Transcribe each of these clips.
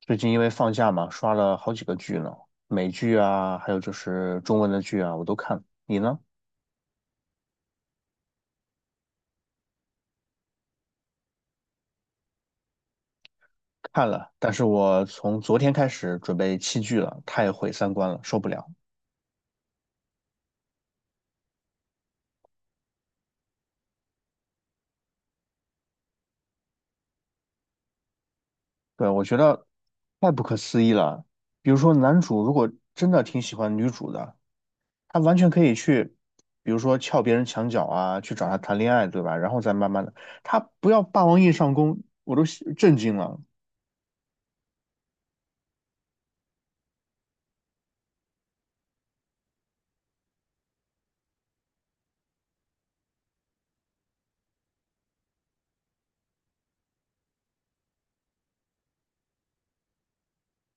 最近因为放假嘛，刷了好几个剧呢，美剧啊，还有就是中文的剧啊，我都看。你呢？看了，但是我从昨天开始准备弃剧了，太毁三观了，受不了。对，我觉得太不可思议了。比如说，男主如果真的挺喜欢女主的，他完全可以去，比如说撬别人墙角啊，去找她谈恋爱，对吧？然后再慢慢的，他不要霸王硬上弓，我都震惊了。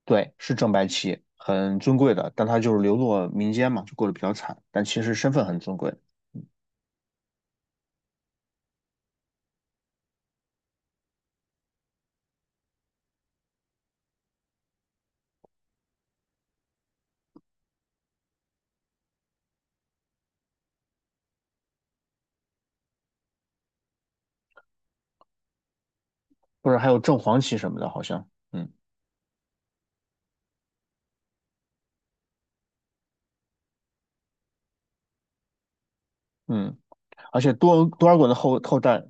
对，是正白旗，很尊贵的，但他就是流落民间嘛，就过得比较惨，但其实身份很尊贵，或者还有正黄旗什么的，好像，嗯，而且多尔衮的后代，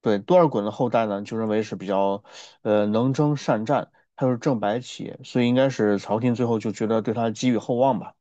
对，多尔衮的后代呢，就认为是比较，能征善战，他又是正白旗，所以应该是朝廷最后就觉得对他寄予厚望吧。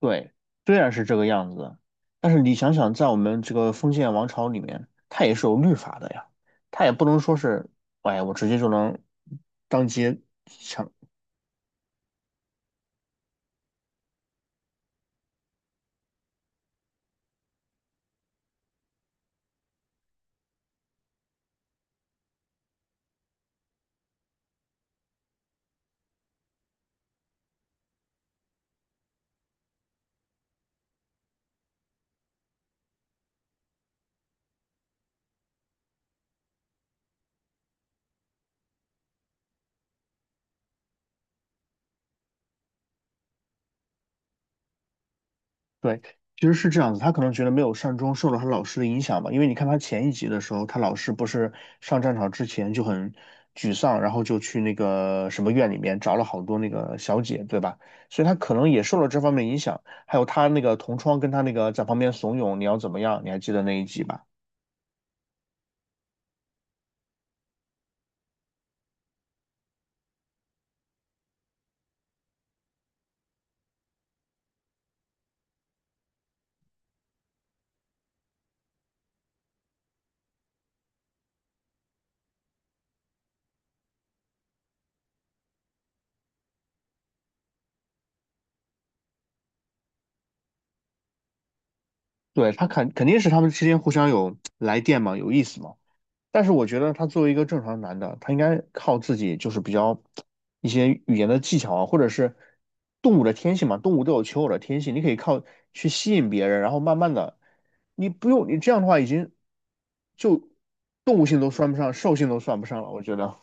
对，虽然是这个样子，但是你想想，在我们这个封建王朝里面，它也是有律法的呀，它也不能说是，哎，我直接就能当街抢。对，其实是这样子，他可能觉得没有善终，受了他老师的影响吧，因为你看他前一集的时候，他老师不是上战场之前就很沮丧，然后就去那个什么院里面找了好多那个小姐，对吧？所以他可能也受了这方面影响，还有他那个同窗跟他那个在旁边怂恿你要怎么样，你还记得那一集吧？对，他肯定是他们之间互相有来电嘛，有意思嘛。但是我觉得他作为一个正常男的，他应该靠自己，就是比较一些语言的技巧啊，或者是动物的天性嘛，动物都有求偶的天性，你可以靠去吸引别人，然后慢慢的，你不用你这样的话，已经就动物性都算不上，兽性都算不上了，我觉得。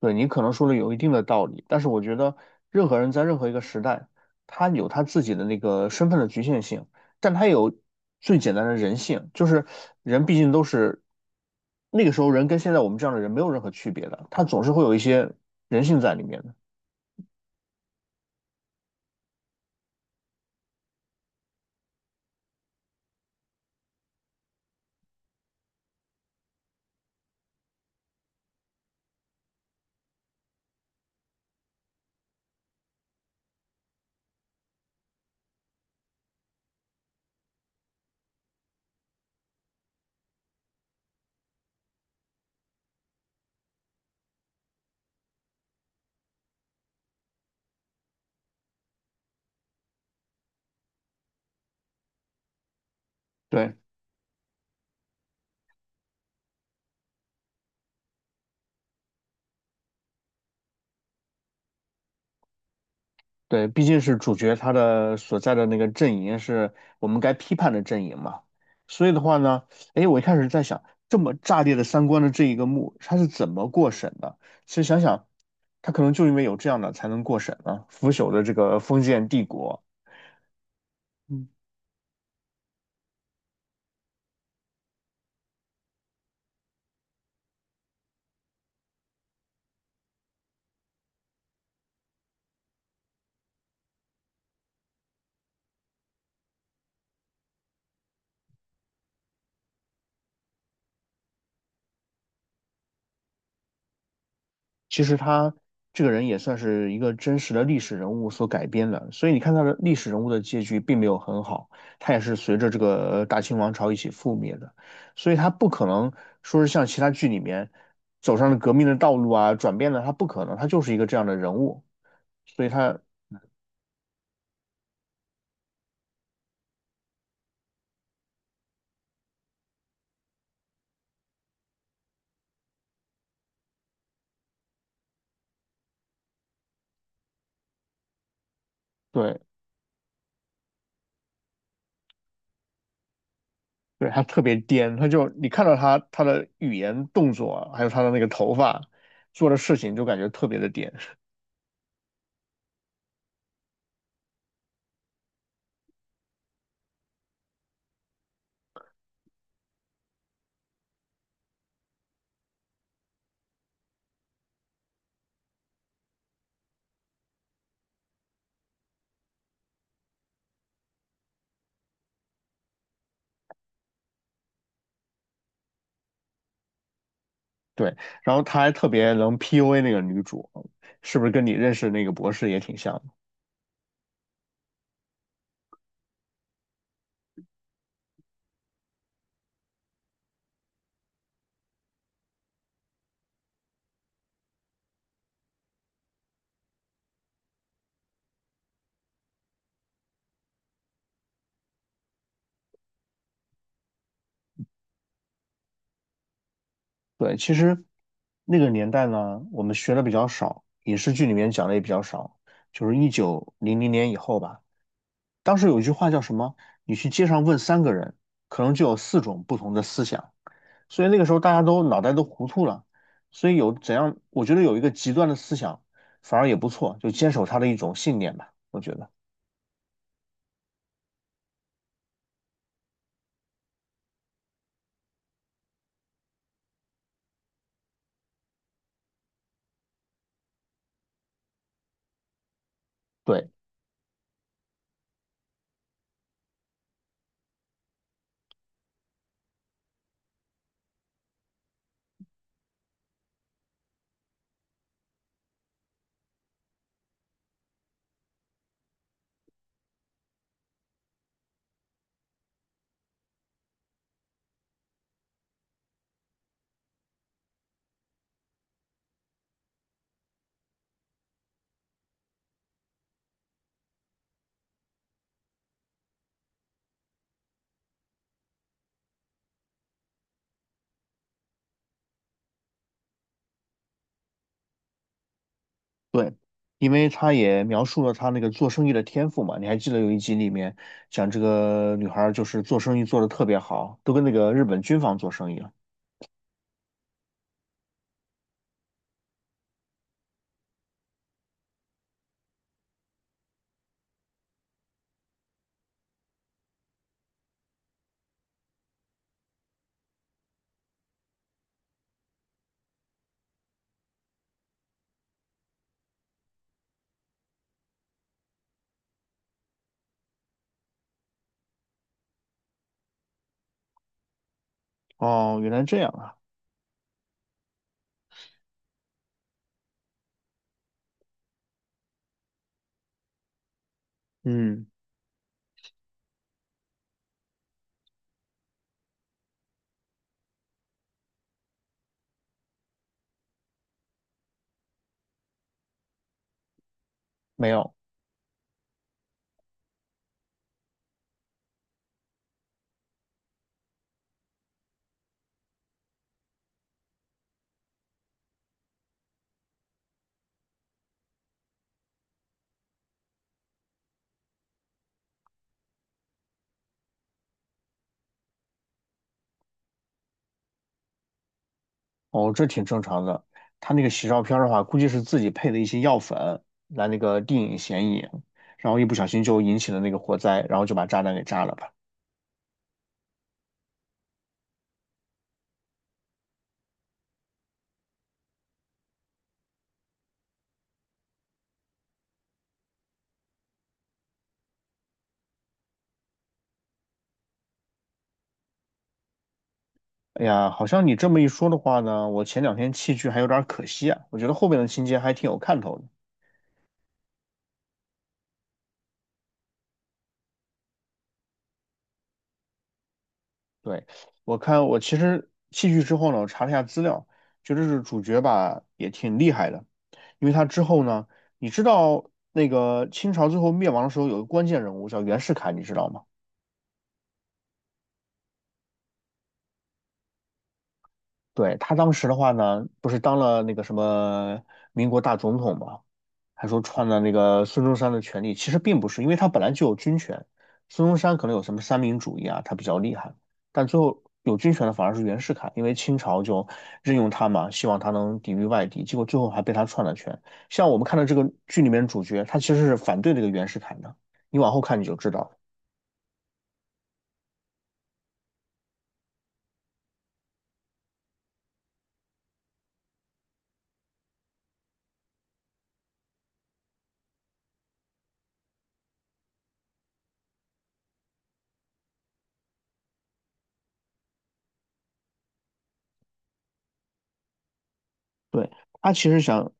对，你可能说的有一定的道理，但是我觉得任何人在任何一个时代，他有他自己的那个身份的局限性，但他有最简单的人性，就是人毕竟都是那个时候人跟现在我们这样的人没有任何区别的，他总是会有一些人性在里面的。对。对，毕竟是主角他的所在的那个阵营是我们该批判的阵营嘛，所以的话呢，哎，我一开始在想，这么炸裂的三观的这一个幕，他是怎么过审的？其实想想，他可能就因为有这样的才能过审啊，腐朽的这个封建帝国。嗯。其实他这个人也算是一个真实的历史人物所改编的，所以你看他的历史人物的结局并没有很好，他也是随着这个大清王朝一起覆灭的，所以他不可能说是像其他剧里面走上了革命的道路啊，转变了，他不可能，他就是一个这样的人物，所以他对对他特别颠，他就你看到他的语言动作啊，还有他的那个头发做的事情，就感觉特别的颠。对，然后他还特别能 PUA 那个女主，是不是跟你认识那个博士也挺像的？对，其实那个年代呢，我们学的比较少，影视剧里面讲的也比较少，就是1900年以后吧。当时有一句话叫什么？你去街上问三个人，可能就有四种不同的思想。所以那个时候大家都脑袋都糊涂了，所以有怎样，我觉得有一个极端的思想反而也不错，就坚守他的一种信念吧，我觉得。对。对，因为他也描述了他那个做生意的天赋嘛。你还记得有一集里面讲这个女孩儿就是做生意做得特别好，都跟那个日本军方做生意了。哦，原来这样啊。嗯，没有。哦，这挺正常的。他那个洗照片儿的话，估计是自己配的一些药粉来那个定影显影，然后一不小心就引起了那个火灾，然后就把炸弹给炸了吧。哎呀，好像你这么一说的话呢，我前两天弃剧还有点儿可惜啊。我觉得后面的情节还挺有看头的。对，我看我其实戏剧之后呢，我查了一下资料，觉得是主角吧也挺厉害的，因为他之后呢，你知道那个清朝最后灭亡的时候有个关键人物叫袁世凯，你知道吗？对，他当时的话呢，不是当了那个什么民国大总统嘛，还说篡了那个孙中山的权利，其实并不是，因为他本来就有军权，孙中山可能有什么三民主义啊，他比较厉害，但最后有军权的反而是袁世凯，因为清朝就任用他嘛，希望他能抵御外敌，结果最后还被他篡了权。像我们看到这个剧里面主角，他其实是反对这个袁世凯的，你往后看你就知道了对，他其实想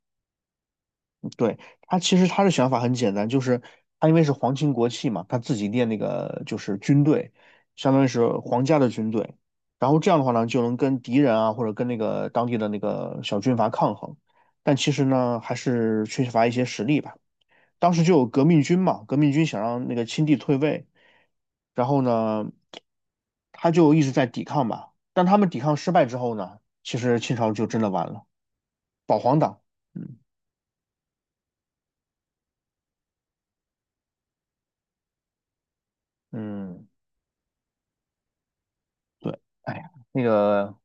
对，他其实他的想法很简单，就是他因为是皇亲国戚嘛，他自己练那个就是军队，相当于是皇家的军队，然后这样的话呢，就能跟敌人啊或者跟那个当地的那个小军阀抗衡，但其实呢还是缺乏一些实力吧。当时就有革命军嘛，革命军想让那个清帝退位，然后呢，他就一直在抵抗吧，但他们抵抗失败之后呢，其实清朝就真的完了，保皇党。嗯。嗯。对，哎呀，那个，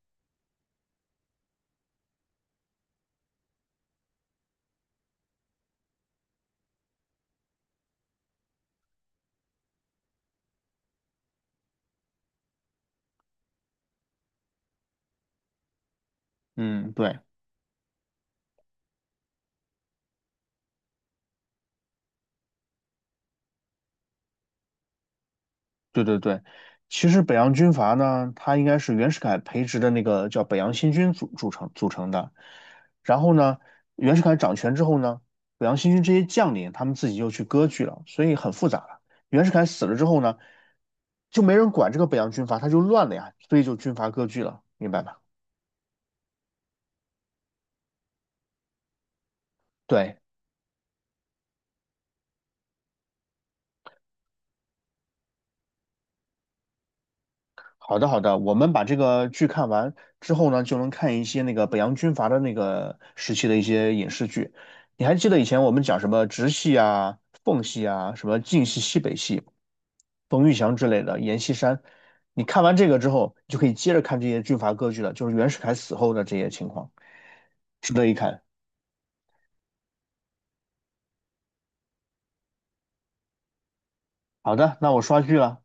嗯，对，对对对，其实北洋军阀呢，它应该是袁世凯培植的那个叫北洋新军组成的。然后呢，袁世凯掌权之后呢，北洋新军这些将领他们自己又去割据了，所以很复杂了。袁世凯死了之后呢，就没人管这个北洋军阀，他就乱了呀，所以就军阀割据了，明白吧？对。好的，好的，我们把这个剧看完之后呢，就能看一些那个北洋军阀的那个时期的一些影视剧。你还记得以前我们讲什么直系啊、奉系啊、什么晋系、西北系、冯玉祥之类的、阎锡山？你看完这个之后，你就可以接着看这些军阀割据了，就是袁世凯死后的这些情况，值得一看。好的，那我刷剧了。